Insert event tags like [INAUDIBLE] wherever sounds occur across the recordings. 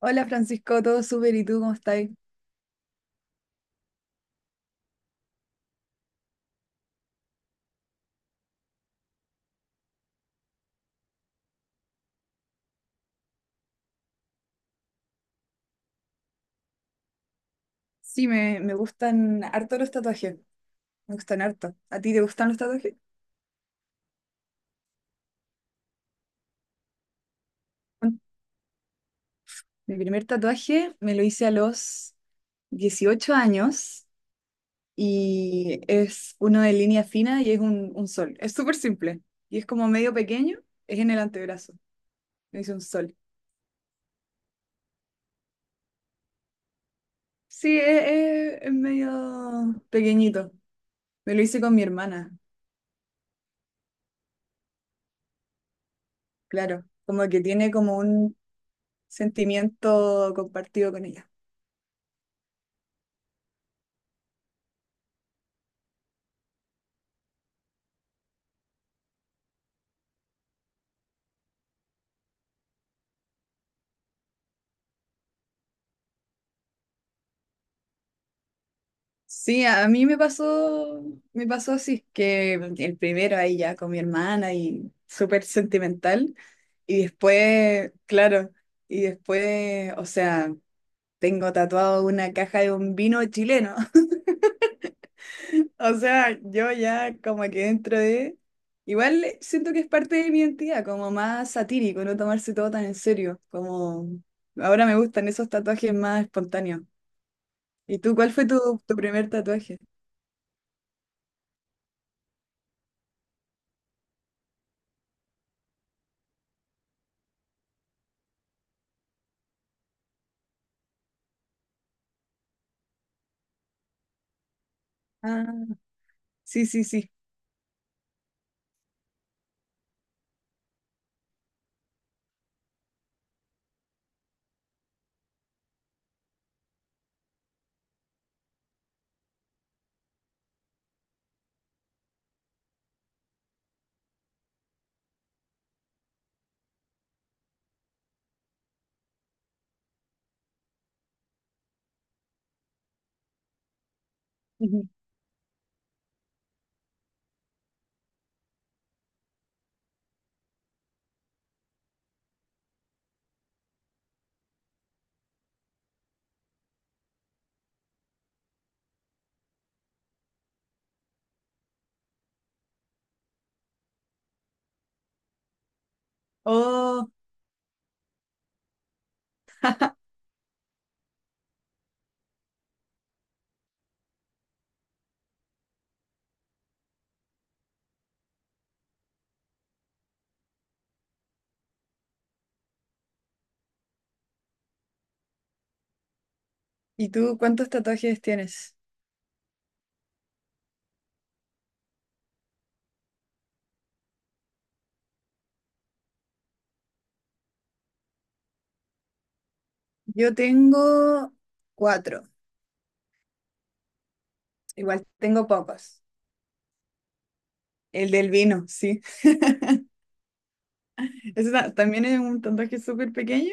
Hola Francisco, todo súper, ¿y tú cómo estás? Sí, me gustan harto los tatuajes, me gustan harto. ¿A ti te gustan los tatuajes? Bueno, mi primer tatuaje me lo hice a los 18 años, y es uno de línea fina y es un sol. Es súper simple y es como medio pequeño, es en el antebrazo, me hice un sol. Sí, es, es medio pequeñito, me lo hice con mi hermana, claro, como que tiene como un sentimiento compartido con ella. Sí, a mí me pasó así, que el primero ahí ya con mi hermana y súper sentimental. Y después, claro, y después, o sea, tengo tatuado una caja de un vino chileno. [LAUGHS] O sea, yo ya como que dentro de... Igual siento que es parte de mi identidad, como más satírico, no tomarse todo tan en serio, como ahora me gustan esos tatuajes más espontáneos. ¿Y tú cuál fue tu primer tatuaje? Ah, sí, sí, sí. Oh, ¿y tú cuántos tatuajes tienes? Yo tengo cuatro. Igual tengo pocos. El del vino, sí. [LAUGHS] También es un tatuaje súper pequeño,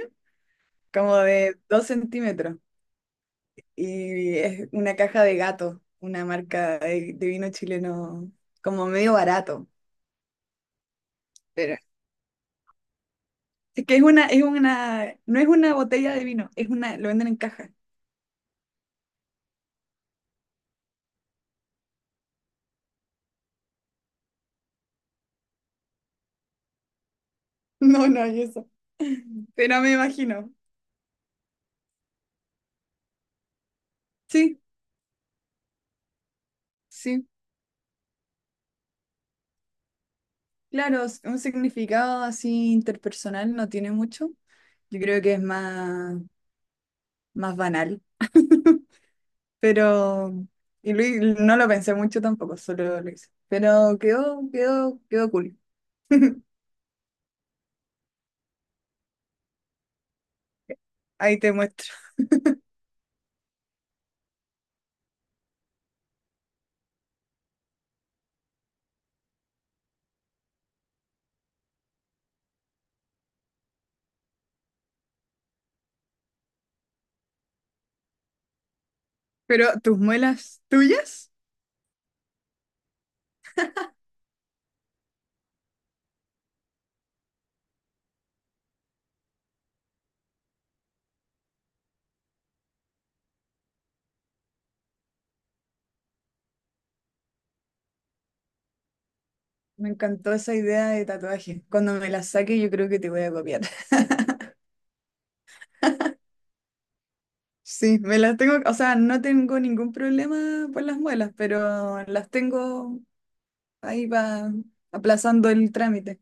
como de 2 centímetros. Y es una caja de gato, una marca de vino chileno, como medio barato. Pero es que es una, no es una botella de vino, es una, lo venden en caja. [LAUGHS] No, no hay eso. Pero me imagino. Sí, sí, claro, un significado así interpersonal no tiene mucho. Yo creo que es más banal. [LAUGHS] Pero, y no lo pensé mucho tampoco, solo lo hice. Pero quedó, quedó, quedó cool. [LAUGHS] Ahí te muestro. Pero tus muelas tuyas, me encantó esa idea de tatuaje. Cuando me las saque, yo creo que te voy a copiar. [LAUGHS] Sí, me las tengo, o sea, no tengo ningún problema por las muelas, pero las tengo ahí va aplazando el trámite.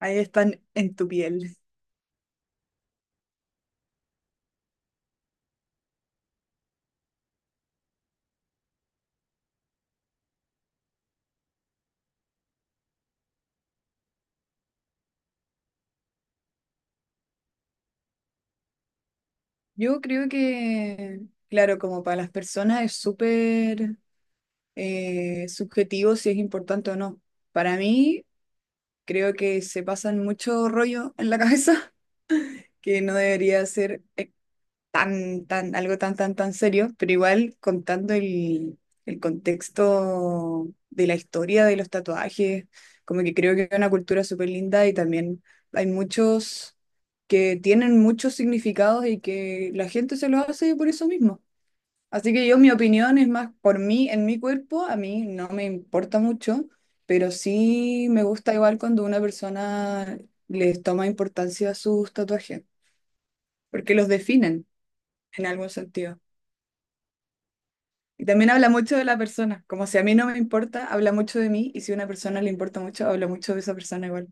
Ahí están en tu piel. Yo creo que, claro, como para las personas es súper subjetivo si es importante o no. Para mí, creo que se pasan mucho rollo en la [LAUGHS] cabeza, que no debería ser tan, tan, algo tan, tan, tan serio, pero igual contando el contexto de la historia de los tatuajes, como que creo que es una cultura súper linda y también hay muchos que tienen muchos significados y que la gente se los hace por eso mismo. Así que yo, mi opinión es más por mí, en mi cuerpo, a mí no me importa mucho, pero sí me gusta igual cuando una persona les toma importancia a sus tatuajes, porque los definen en algún sentido. Y también habla mucho de la persona, como si a mí no me importa, habla mucho de mí, y si a una persona le importa mucho, habla mucho de esa persona igual.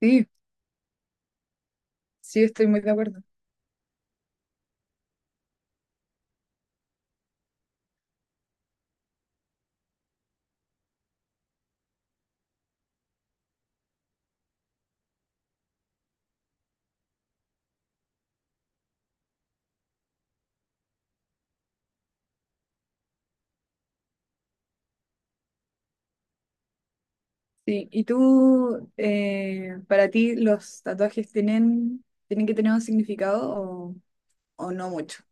Sí, sí, estoy muy de acuerdo. Sí, ¿y tú, para ti, los tatuajes tienen que tener un significado o no mucho?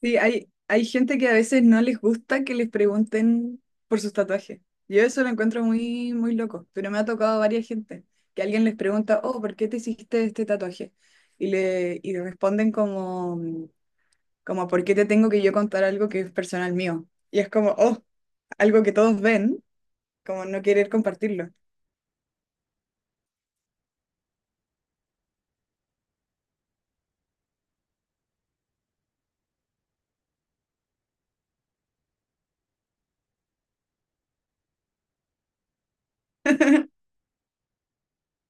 Sí, hay gente que a veces no les gusta que les pregunten por sus tatuajes. Yo eso lo encuentro muy, muy loco, pero me ha tocado a varias gente, que alguien les pregunta, oh, ¿por qué te hiciste este tatuaje? Y responden como... Como, ¿por qué te tengo que yo contar algo que es personal mío? Y es como, oh, algo que todos ven, como no querer compartirlo.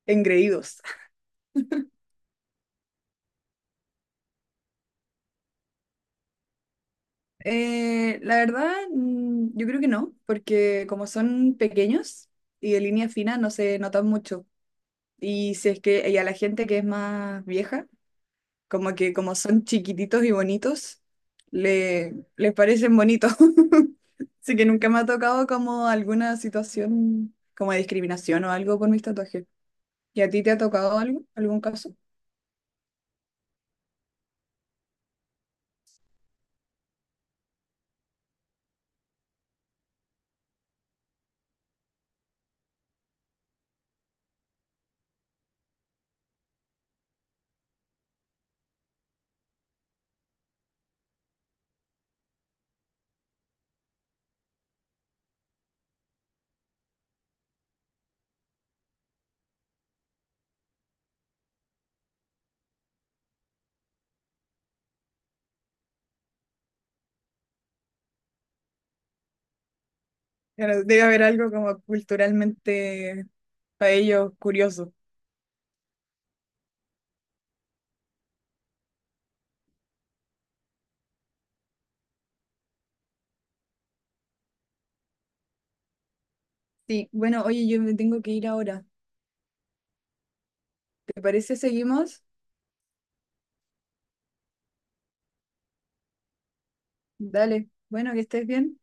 Engreídos. [LAUGHS] La verdad, yo creo que no, porque como son pequeños y de línea fina, no se notan mucho. Y si es que, y a la gente que es más vieja, como que como son chiquititos y bonitos, les parecen bonitos. [LAUGHS] Así que nunca me ha tocado como alguna situación como de discriminación o algo por mis tatuajes. ¿Y a ti te ha tocado algo, algún caso? Claro, debe haber algo como culturalmente para ellos curioso. Sí, bueno, oye, yo me tengo que ir ahora. ¿Te parece seguimos? Dale, bueno, que estés bien.